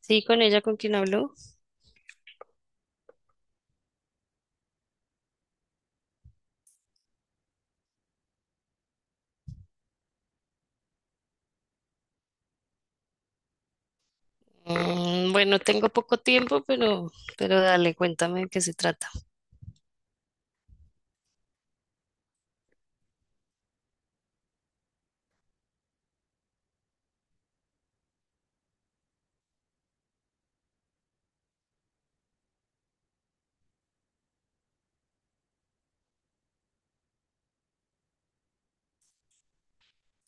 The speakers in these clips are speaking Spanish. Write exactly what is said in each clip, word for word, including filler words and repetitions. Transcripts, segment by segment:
Sí, con ella, con quien habló. Mm, bueno, tengo poco tiempo, pero, pero dale, cuéntame de qué se trata.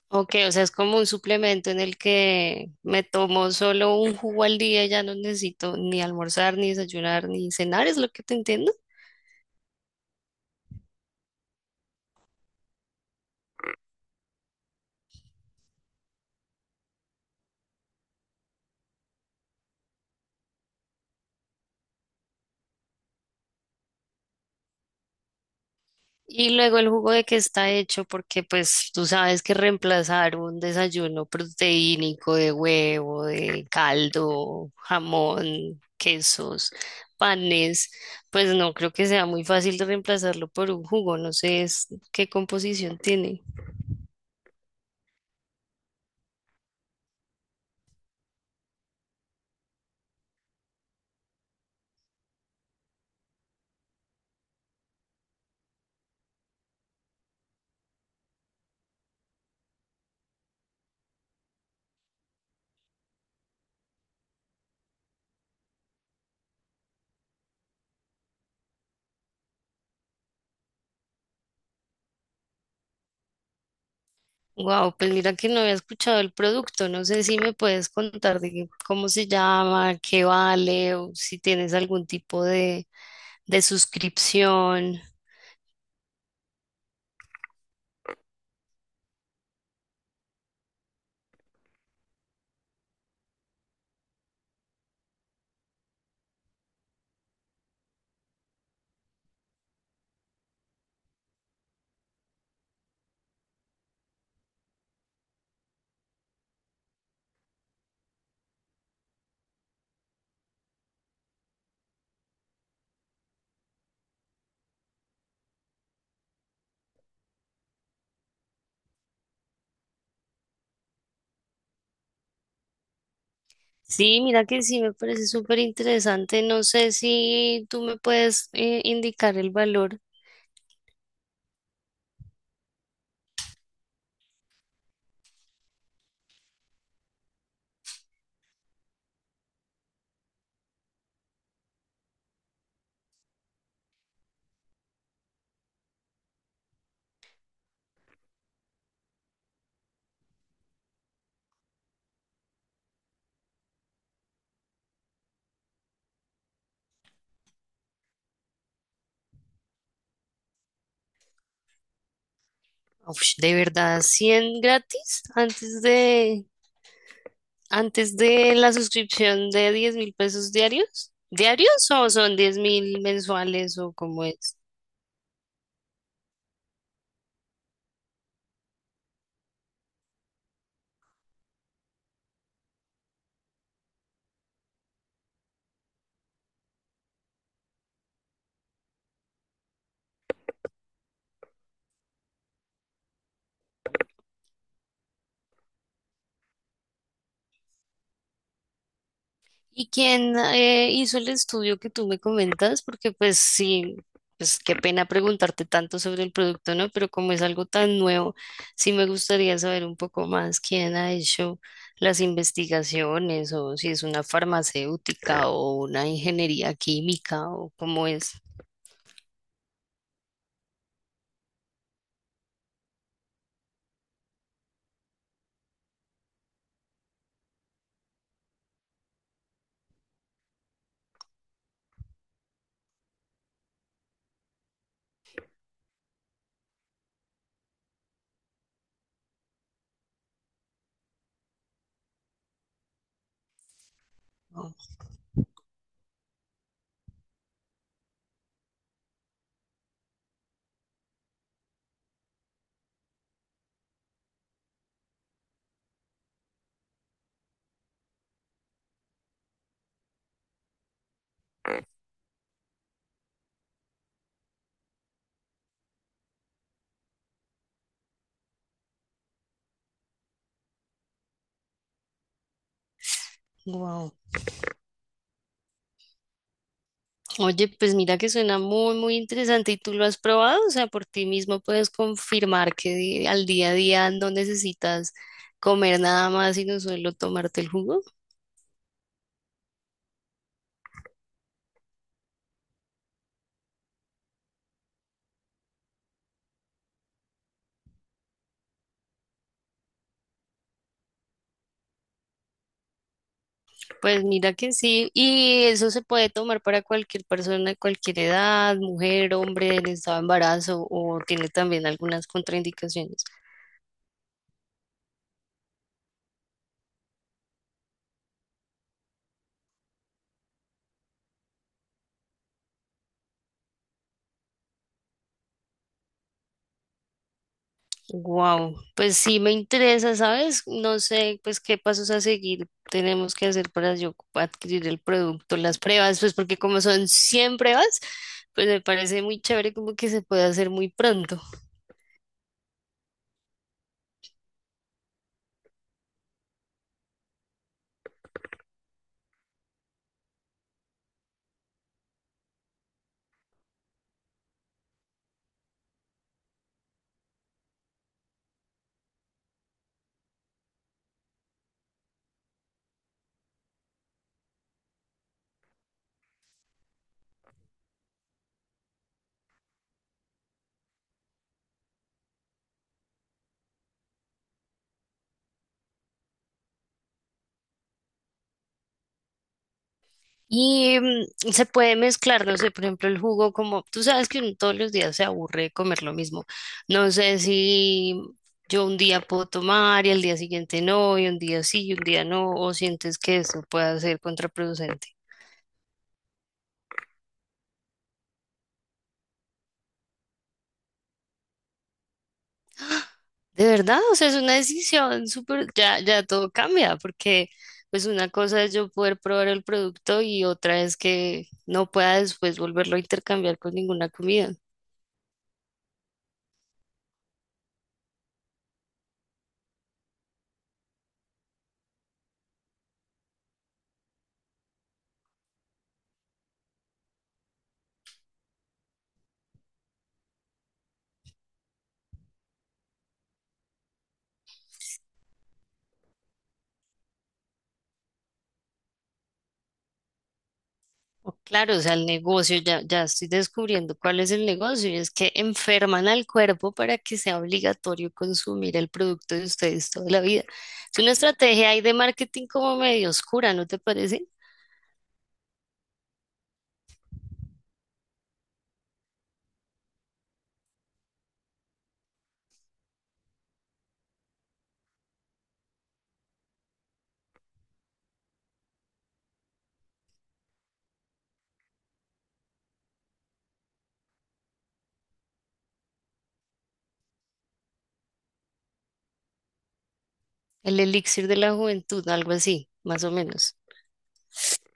Ok, o sea, es como un suplemento en el que me tomo solo un jugo al día, ya no necesito ni almorzar, ni desayunar, ni cenar, es lo que te entiendo. Y luego el jugo de qué está hecho, porque pues tú sabes que reemplazar un desayuno proteínico de huevo, de caldo, jamón, quesos, panes, pues no creo que sea muy fácil de reemplazarlo por un jugo, no sé es- qué composición tiene. Wow, pues mira que no había escuchado el producto, no sé si me puedes contar de qué- cómo se llama, qué vale, o si tienes algún tipo de, de suscripción. Sí, mira que sí me parece súper interesante. No sé si tú me puedes eh, indicar el valor. Uf, ¿de verdad cien gratis antes de antes de la suscripción de diez mil pesos diarios? ¿Diarios o son diez mil mensuales o cómo es? ¿Y quién eh, hizo el estudio que tú me comentas? Porque pues sí, pues qué pena preguntarte tanto sobre el producto, ¿no? Pero como es algo tan nuevo, sí me gustaría saber un poco más quién ha hecho las investigaciones o si es una farmacéutica o una ingeniería química o cómo es. Wow. Oye, pues mira que suena muy, muy interesante y tú lo has probado, o sea, por ti mismo puedes confirmar que di- al día a día no necesitas comer nada más, sino solo tomarte el jugo. Pues mira que sí, y eso se puede tomar para cualquier persona de cualquier edad, mujer, hombre, en estado de embarazo o tiene también algunas contraindicaciones. Wow, pues sí me interesa, ¿sabes? No sé, pues qué pasos a seguir tenemos que hacer para yo adquirir el producto, las pruebas, pues porque como son cien pruebas, pues me parece muy chévere como que se puede hacer muy pronto. Y mm, se puede mezclar, no sé, por ejemplo, el jugo como tú sabes que uno todos los días se aburre de comer lo mismo. No sé si yo un día puedo tomar y al día siguiente no, y un día sí y un día no, o sientes que eso pueda ser contraproducente. De verdad, o sea, es una decisión súper, ya, ya todo cambia, porque pues una cosa es yo poder probar el producto y otra es que no pueda después volverlo a intercambiar con ninguna comida. O claro, o sea, el negocio, ya, ya estoy descubriendo cuál es el negocio y es que enferman al cuerpo para que sea obligatorio consumir el producto de ustedes toda la vida. Es una estrategia ahí de marketing como medio oscura, ¿no te parece? El elixir de la juventud, algo así, más o menos.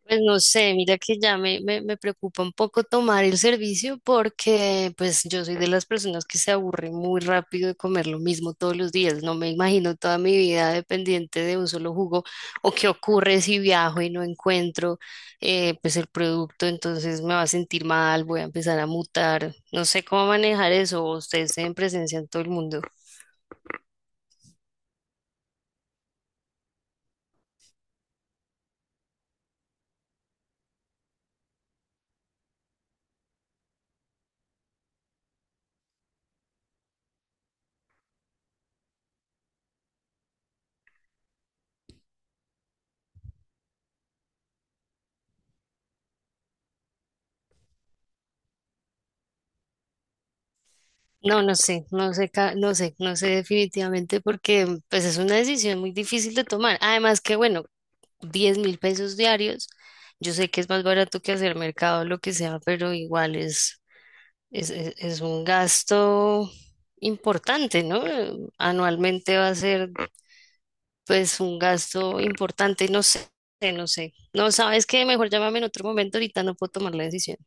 Pues no sé, mira que ya me, me, me preocupa un poco tomar el servicio porque pues yo soy de las personas que se aburre muy rápido de comer lo mismo todos los días. No me imagino toda mi vida dependiente de un solo jugo o qué ocurre si viajo y no encuentro eh, pues el producto, entonces me va a sentir mal, voy a empezar a mutar. No sé cómo manejar eso, o ustedes en presencia en todo el mundo. No, no sé, no sé, ca- no sé, no sé definitivamente porque pues es una decisión muy difícil de tomar. Además que bueno, diez mil pesos diarios. Yo sé que es más barato que hacer mercado, o lo que sea, pero igual es, es, es- es un gasto importante, ¿no? Anualmente va a ser pues un gasto importante, no sé, no sé. No sabes qué, mejor llámame en otro momento, ahorita no puedo tomar la decisión.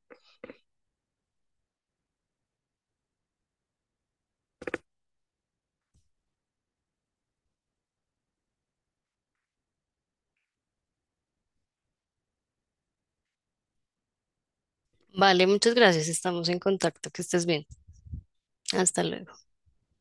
Vale, muchas gracias, estamos en contacto, que estés bien. Hasta luego.